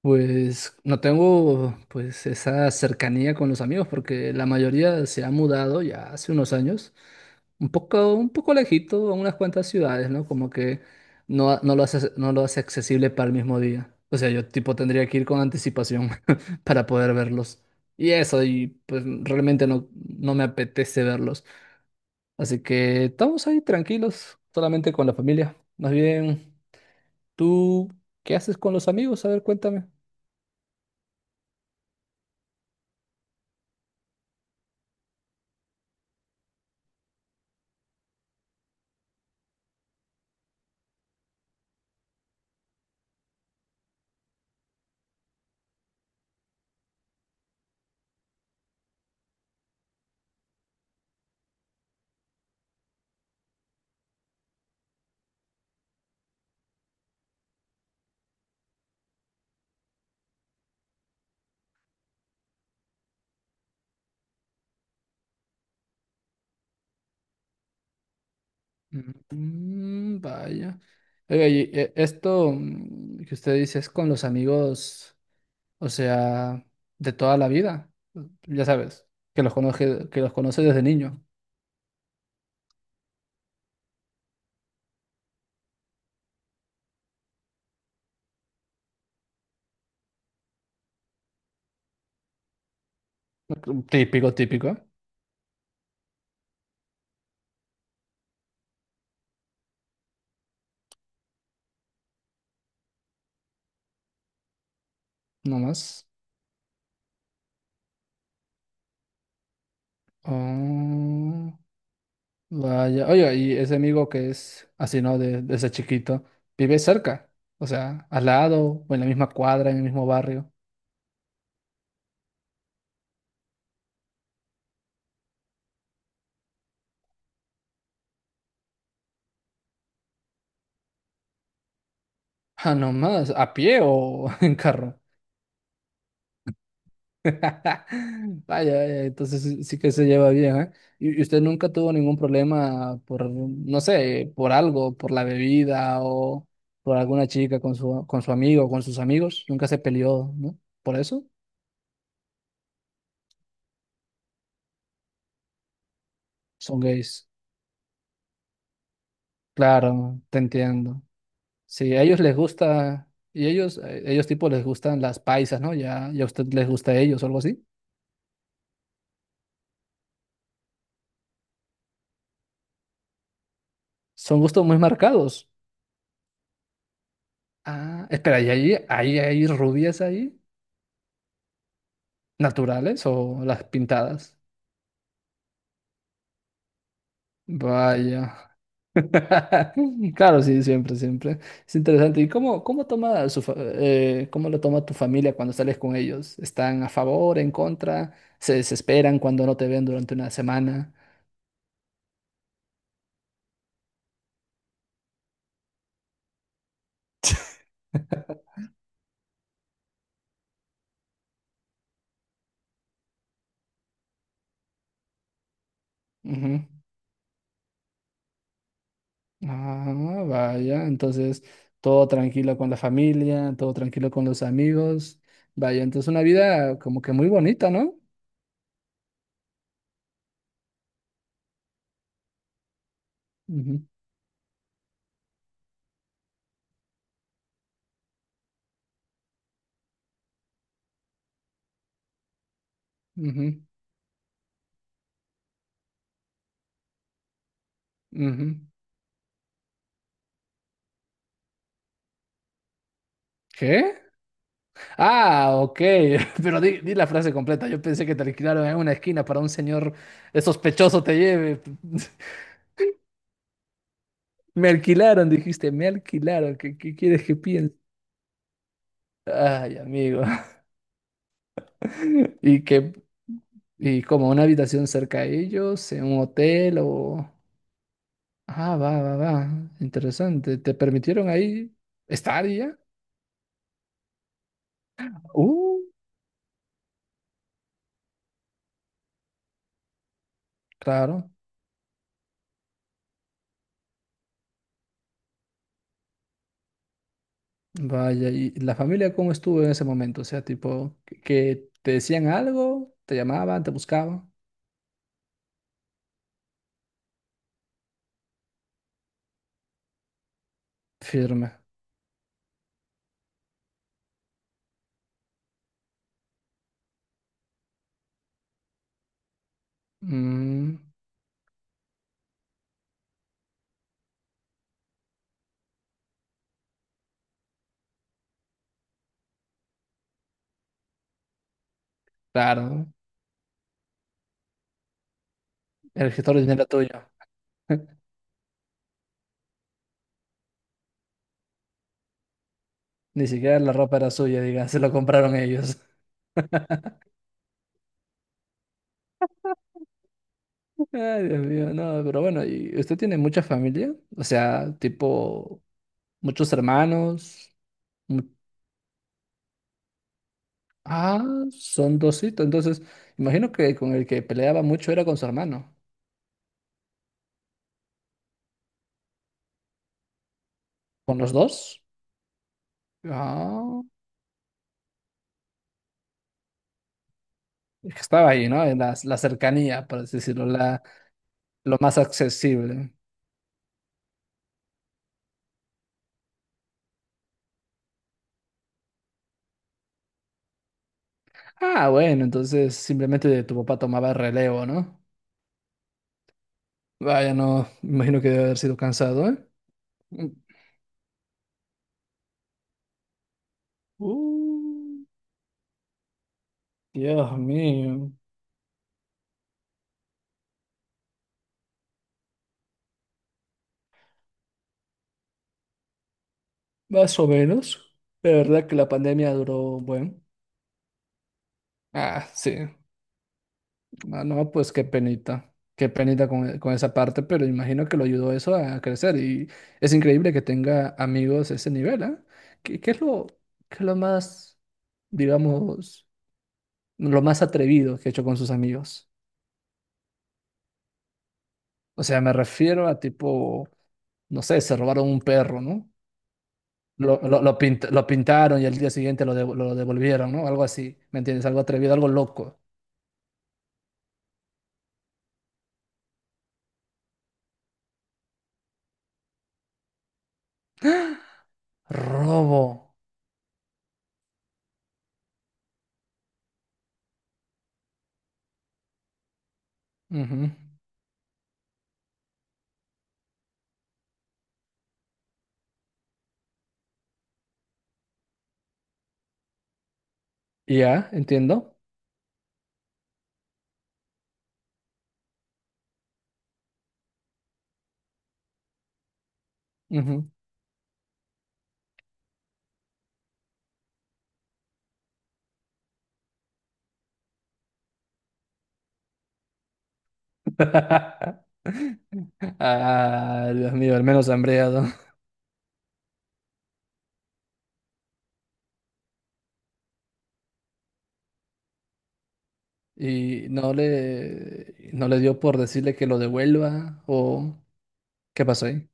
Pues no tengo pues esa cercanía con los amigos porque la mayoría se ha mudado ya hace unos años, un poco lejito a unas cuantas ciudades, ¿no? Como que no lo hace accesible para el mismo día. O sea, yo tipo tendría que ir con anticipación para poder verlos. Y eso, y pues realmente no me apetece verlos. Así que estamos ahí tranquilos, solamente con la familia. Más bien, ¿tú qué haces con los amigos? A ver, cuéntame. Mm, vaya. Oiga, y, esto que usted dice es con los amigos, o sea, de toda la vida. Ya sabes, que los conoce desde niño. Típico, típico, ¿eh? No más. Oh, vaya. Oiga, y ese amigo que es así, ¿no? Desde chiquito, vive cerca, o sea, al lado, o en la misma cuadra, en el mismo barrio. Ah, no más, ¿a pie o en carro? Vaya, vaya, entonces sí que se lleva bien, ¿eh? ¿Y usted nunca tuvo ningún problema por, no sé, por algo, por la bebida o por alguna chica con con su amigo o con sus amigos? ¿Nunca se peleó, ¿no? ¿Por eso? Son gays. Claro, te entiendo. Sí, a ellos les gusta, y ellos, ellos tipo les gustan las paisas, ¿no? Ya, ya a usted les gusta a ellos o algo así. Son gustos muy marcados. Ah, espera, ¿y ahí hay rubias ahí? ¿Naturales o las pintadas? Vaya. Claro, sí, siempre, siempre. Es interesante. Cómo toma su cómo lo toma tu familia cuando sales con ellos? ¿Están a favor, en contra? ¿Se desesperan cuando no te ven durante una semana? Ujú. Ah, vaya. Entonces, todo tranquilo con la familia, todo tranquilo con los amigos. Vaya, entonces una vida como que muy bonita, ¿no? Ujú, ujú, ujú. ¿Qué? Ah, ok, pero di la frase completa. Yo pensé que te alquilaron en una esquina para un señor sospechoso te lleve. Me alquilaron, dijiste, me alquilaron. Qué quieres que piense? Ay, amigo. Y que, y como una habitación cerca de ellos, en un hotel o... Ah, va, va, va. Interesante. ¿Te permitieron ahí estar y ya? Uh, claro. Vaya, ¿y la familia cómo estuvo en ese momento? O sea, tipo, que te decían algo, te llamaban, te buscaban. Firme. Mm, claro, el gestor de dinero era tuyo. Ni siquiera la ropa era suya, diga, se lo compraron ellos. Ay, Dios mío, no, pero bueno, ¿y usted tiene mucha familia? O sea, tipo, muchos hermanos. mu- Ah, son dositos. Entonces, imagino que con el que peleaba mucho era con su hermano. ¿Con los dos? Ah, es que estaba ahí, ¿no? En la cercanía, por así decirlo, la, lo más accesible. Ah, bueno, entonces simplemente tu papá tomaba el relevo, ¿no? Vaya, no, me imagino que debe haber sido cansado, ¿eh? Mm. Uh, Dios mío, más o menos. De verdad que la pandemia duró, bueno. Ah, sí. Ah, no, pues qué penita. Qué penita con, con esa parte, pero imagino que lo ayudó eso a crecer. Y es increíble que tenga amigos a ese nivel, ¿eh? ¿Qué, qué es lo, qué es lo más, digamos, lo más atrevido que ha hecho con sus amigos? O sea, me refiero a tipo, no sé, se robaron un perro, ¿no? Lo pintaron y al día siguiente lo devolvieron, ¿no? Algo así, ¿me entiendes? Algo atrevido, algo loco. Robo. Ujú. Y ya, entiendo. Ujú. Ah, Dios mío, al menos hambreado. Y no le dio por decirle que lo devuelva o ¿qué pasó ahí?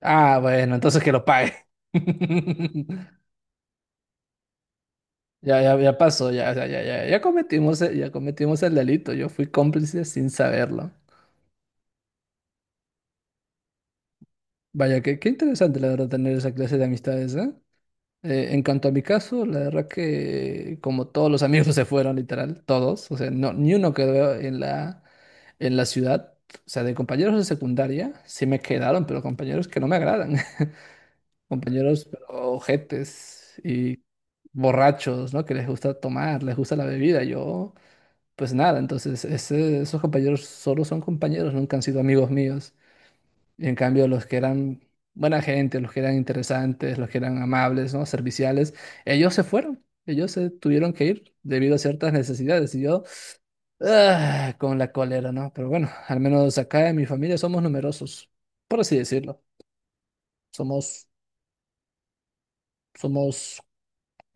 Ah, bueno, entonces que lo pague. Ya pasó, ya, ya, ya, ya, ya ya cometimos el delito. Yo fui cómplice sin saberlo. Vaya, qué interesante la verdad tener esa clase de amistades, ¿eh? En cuanto a mi caso, la verdad que como todos los amigos se fueron, literal, todos, o sea, no, ni uno quedó en en la ciudad, o sea, de compañeros de secundaria sí me quedaron, pero compañeros que no me agradan, compañeros pero ojetes y borrachos, ¿no? Que les gusta tomar, les gusta la bebida, yo, pues nada, entonces esos compañeros solo son compañeros, nunca han sido amigos míos. Y en cambio, los que eran buena gente, los que eran interesantes, los que eran amables, ¿no? Serviciales, ellos se fueron. Ellos se tuvieron que ir debido a ciertas necesidades. Y yo, ah, con la cólera, ¿no? Pero bueno, al menos acá en mi familia somos numerosos, por así decirlo. Somos, somos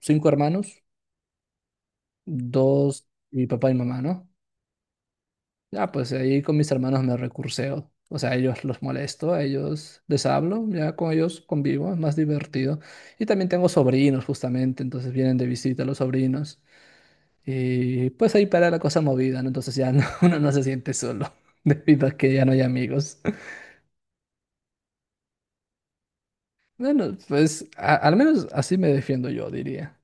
5 hermanos, dos, mi papá y mamá, ¿no? Ya, pues ahí con mis hermanos me recurseo. O sea, a ellos los molesto, a ellos les hablo, ya con ellos convivo, es más divertido. Y también tengo sobrinos, justamente, entonces vienen de visita los sobrinos. Y pues ahí para la cosa movida, ¿no? Entonces uno no se siente solo, debido a que ya no hay amigos. Bueno, pues al menos así me defiendo yo, diría.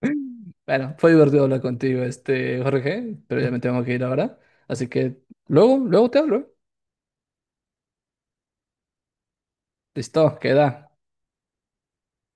Bueno, fue divertido hablar contigo, este Jorge, pero ya me tengo que ir ahora. Así que luego, luego te hablo. Listo, queda.